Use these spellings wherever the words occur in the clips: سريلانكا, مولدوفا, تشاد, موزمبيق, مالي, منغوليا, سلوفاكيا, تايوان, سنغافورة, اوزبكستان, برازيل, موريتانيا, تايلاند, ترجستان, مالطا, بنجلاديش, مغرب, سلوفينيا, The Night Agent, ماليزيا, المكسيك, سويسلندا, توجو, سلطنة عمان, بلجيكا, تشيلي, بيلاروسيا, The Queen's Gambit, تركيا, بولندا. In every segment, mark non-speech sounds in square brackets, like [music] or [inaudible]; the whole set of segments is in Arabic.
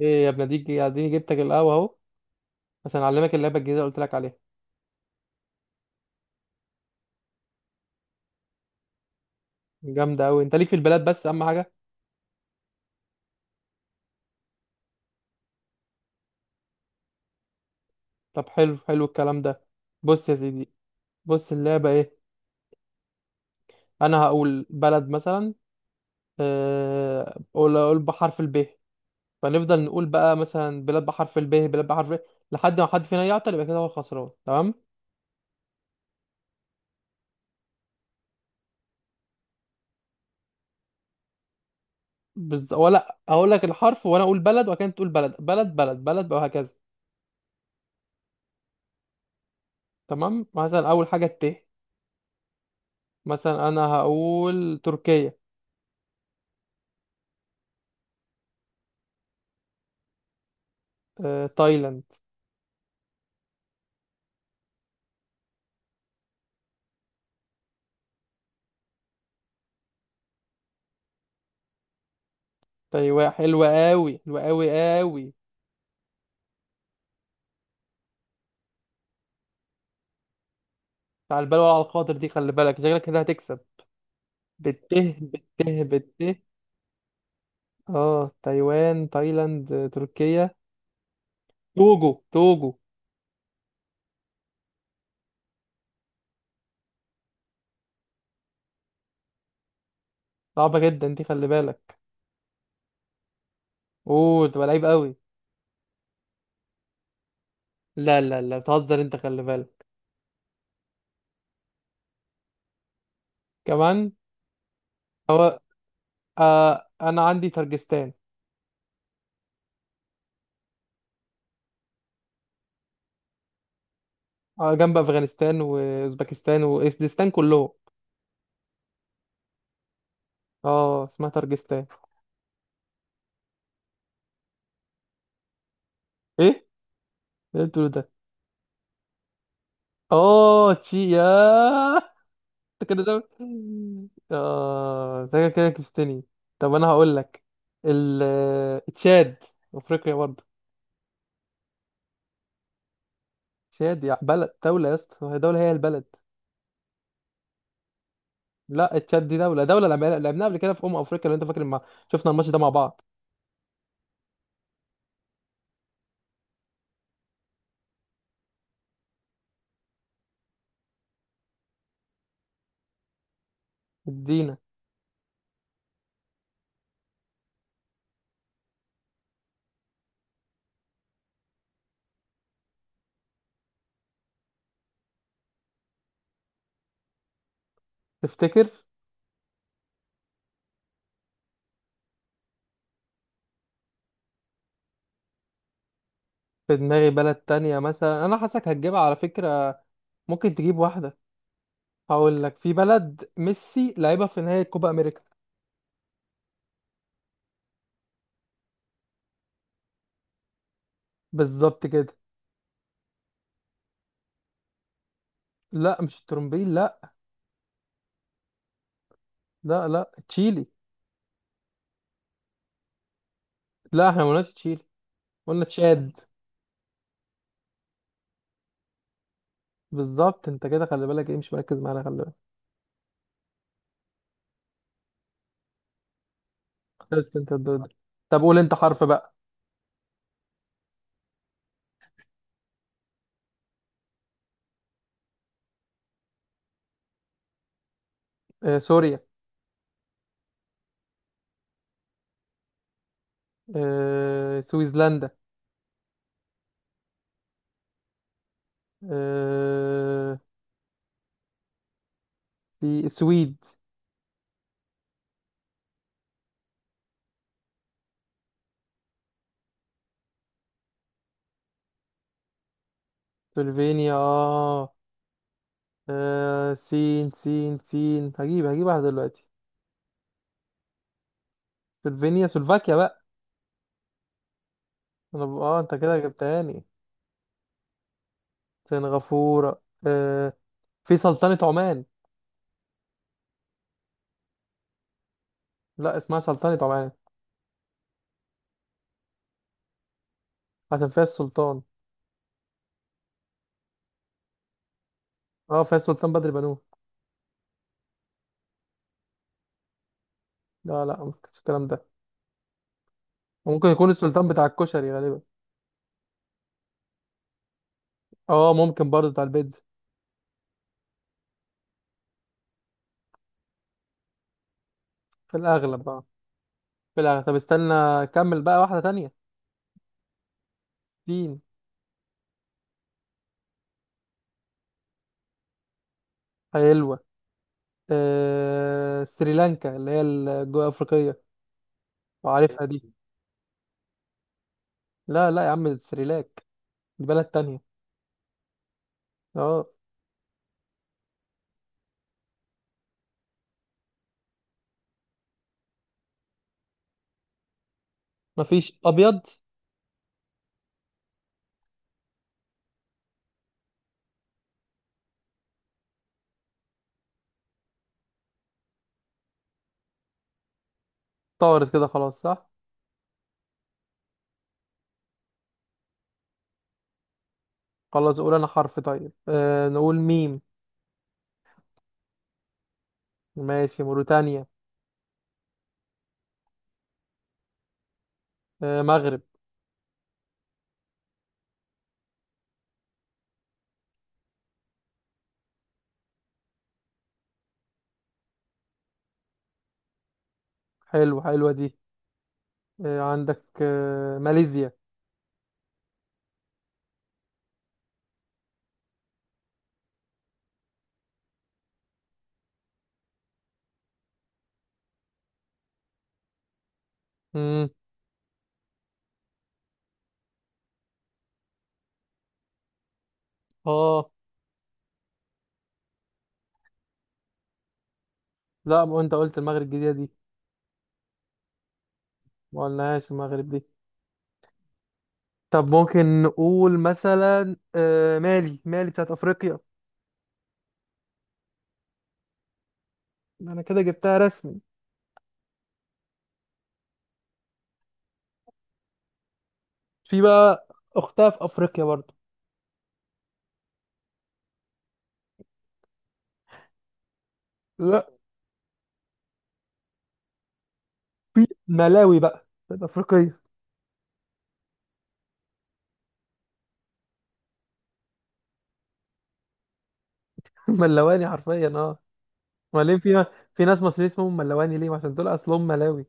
ايه يا ابني ديك، اديني جبتك القهوه اهو. عشان اعلمك اللعبه الجديده اللي قلت لك عليها. جامده قوي، انت ليك في البلاد، بس اهم حاجه. طب حلو حلو الكلام ده. بص يا سيدي. بص اللعبه ايه؟ انا هقول بلد مثلا. اقول بحرف الب. فنفضل نقول بقى مثلا بلاد بحرف الب، بلاد بحرف ال، لحد ما حد فينا يعطل يبقى كده هو الخسران، تمام؟ ولا اقول لك الحرف وانا اقول بلد، وكانت تقول بلد بلد بلد بلد بقى، وهكذا. تمام، مثلا اول حاجه مثلا انا هقول تركيا. تايلاند. ايوه، حلوه قوي، حلوه قوي. قوي. على البال وعلى الخاطر، دي خلي بالك شكلك كده هتكسب. بته بته بته اه، تايوان، تايلاند، تركيا. توجو توجو. صعبه جدا دي، خلي بالك. اوه، تبقى لعيب قوي. لا لا لا، بتهزر انت، خلي بالك. كمان. هو. انا عندي ترجستان. جنب افغانستان واوزبكستان واسدستان كلهم. اه، اسمها ترجستان. ايه اللي إنت بتقوله ده؟ اه، تشي يا [laughs] انت كده ده. اه، انت كده كده كشتني. طب انا هقول لك ال تشاد. افريقيا برضه. تشاد يا بلد دولة، يا اسطى هي دولة، هي البلد. لا، تشاد دي دولة دولة، لعبناها قبل كده في أمم أفريقيا لو أنت فاكر، ما شفنا الماتش ده مع بعض. ادينا. تفتكر؟ في دماغي بلد تانية، مثلا أنا حاسك هتجيبها على فكرة. ممكن تجيب واحدة. هقول لك في بلد ميسي لعبها في نهائي كوبا أمريكا. بالظبط كده. لا، مش الترومبيل، لا. لا لا، تشيلي. لا، احنا ما قلناش. قلنا تشاد. بالظبط، انت كده خلي بالك ايه؟ مش مركز معانا، خلي بالك. خلصت انت الدور ده. طب قول انت حرف بقى. سوريا. سويسلندا. آه في السويد. سلوفينيا اه. سين سين سين، هجيب واحدة دلوقتي. سلوفينيا، سلوفاكيا بقى. اه، انت كده جبتهاني. سنغافورة آه. في سلطنة عمان. لا، اسمها سلطنة عمان. عشان فيها السلطان. اه، فيها السلطان بدر بنوه. لا لا، ما كانش الكلام ده. ممكن يكون السلطان بتاع الكشري غالبا. اه، ممكن برضه بتاع البيتزا. في الاغلب اه. في الاغلب، طب استنى. كمل بقى واحده تانية. فين؟ حلوه. سريلانكا، اللي هي الجنوب افريقيه. وعارفها دي. لا لا يا عم، دي سريلاك. دي بلد تانية. اه. مفيش ابيض. طارت كده خلاص، صح؟ خلاص، قول انا حرف طيب، نقول ميم. ماشي موريتانيا. مغرب. حلو، حلوه دي. عندك ماليزيا. مم. اه. لا، ما انت قلت المغرب الجديده دي. ما قلناهاش المغرب دي. طب ممكن نقول مثلا مالي، مالي بتاعت افريقيا. انا كده جبتها رسمي. في بقى. اختها في افريقيا برضو. لا. ملاوي بقى بتاعت افريقيا. [laughs] ملواني حرفيا اه. وبعدين في. في ناس مصريين اسمهم ملواني ليه؟ عشان دول اصلهم ملاوي.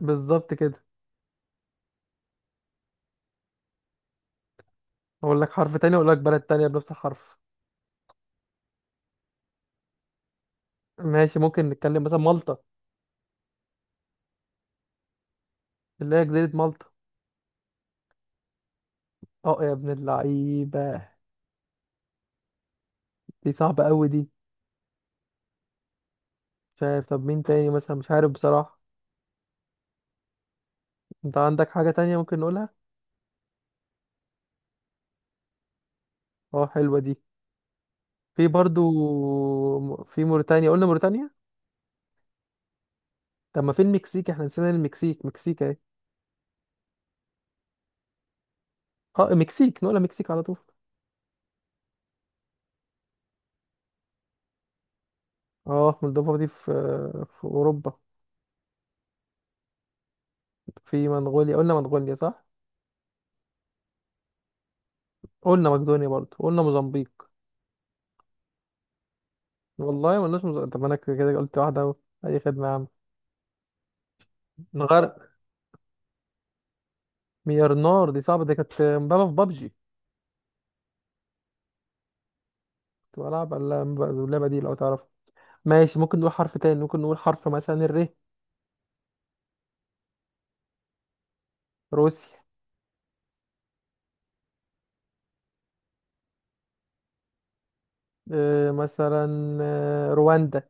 بالظبط كده. اقول لك حرف تاني، اقول لك بلد تانية بنفس الحرف. ماشي، ممكن نتكلم مثلا مالطا. اللي هي جزيرة مالطا. اه يا ابن اللعيبة. دي صعبة قوي دي. مش عارف، طب مين تاني مثلا؟ مش عارف بصراحة. انت عندك حاجة تانية ممكن نقولها. اه، حلوة دي. في برضو. في موريتانيا، قلنا موريتانيا. طب ما في المكسيك، احنا نسينا المكسيك، مكسيك اهي. اه، المكسيك نقولها مكسيك على طول. اه، مولدوفا دي في، في اوروبا. في منغوليا، قلنا منغوليا صح. قلنا مقدونيا برضو، قلنا موزمبيق. والله ما قلناش موزمبيق، طب ما انا كده كده قلت واحدة اهو. اي خدمة يا عم. نغير. ميرنار دي صعبة، دي كانت مبابا في بابجي. كنت بلعب على اللعبة دي لو تعرف. ماشي، ممكن نقول حرف تاني، ممكن نقول حرف مثلا الر. روسيا. مثلا رواندا.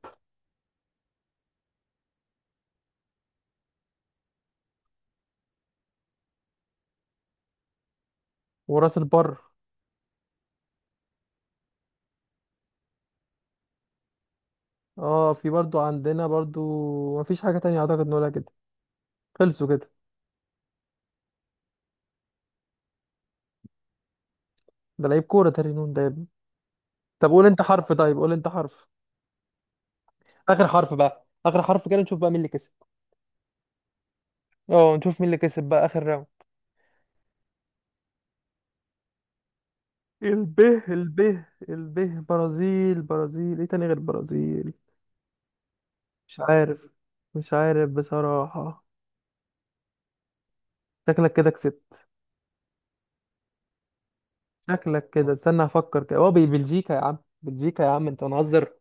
وراس البر. اه، في برضو عندنا برضو. مفيش حاجة تانية اعتقد نقولها كده. خلصوا كده. ده لعيب كورة تاني، نون ده يا ابني. طب قول انت حرف طيب، قول انت حرف. اخر حرف بقى، اخر حرف كده، نشوف بقى مين اللي كسب. اه، نشوف مين اللي كسب بقى، اخر راوند. الب، الب، الب. برازيل، برازيل، ايه تاني غير برازيل؟ مش عارف. مش عارف بصراحة. شكلك كده كسبت. شكلك كده، استنى افكر كده، هو بلجيكا يا عم، بلجيكا يا عم، انت منهزر.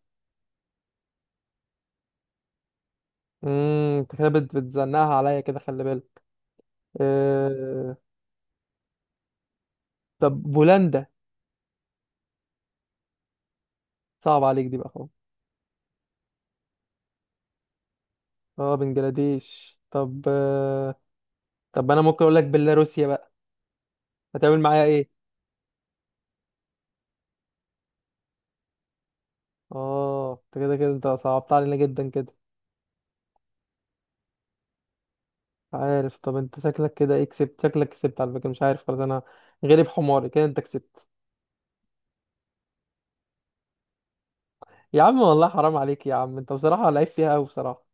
انت كده بتزنقها عليا كده، خلي بالك. آه... طب بولندا. صعب عليك دي بقى خالص. اه، بنجلاديش، طب طب انا ممكن اقول لك بيلاروسيا بقى. هتعمل معايا ايه؟ اه، انت كده كده انت صعبت علينا جدا كده. مش عارف، طب انت شكلك كده ايه؟ كسبت، شكلك كسبت على فكره. مش عارف، خلاص انا، غريب حماري كده، انت كسبت. يا عم والله حرام عليك يا عم، انت بصراحه لعيب فيها قوي بصراحه.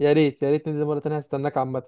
يا ريت، يا ريت ننزل مره تانية، هستناك عامه.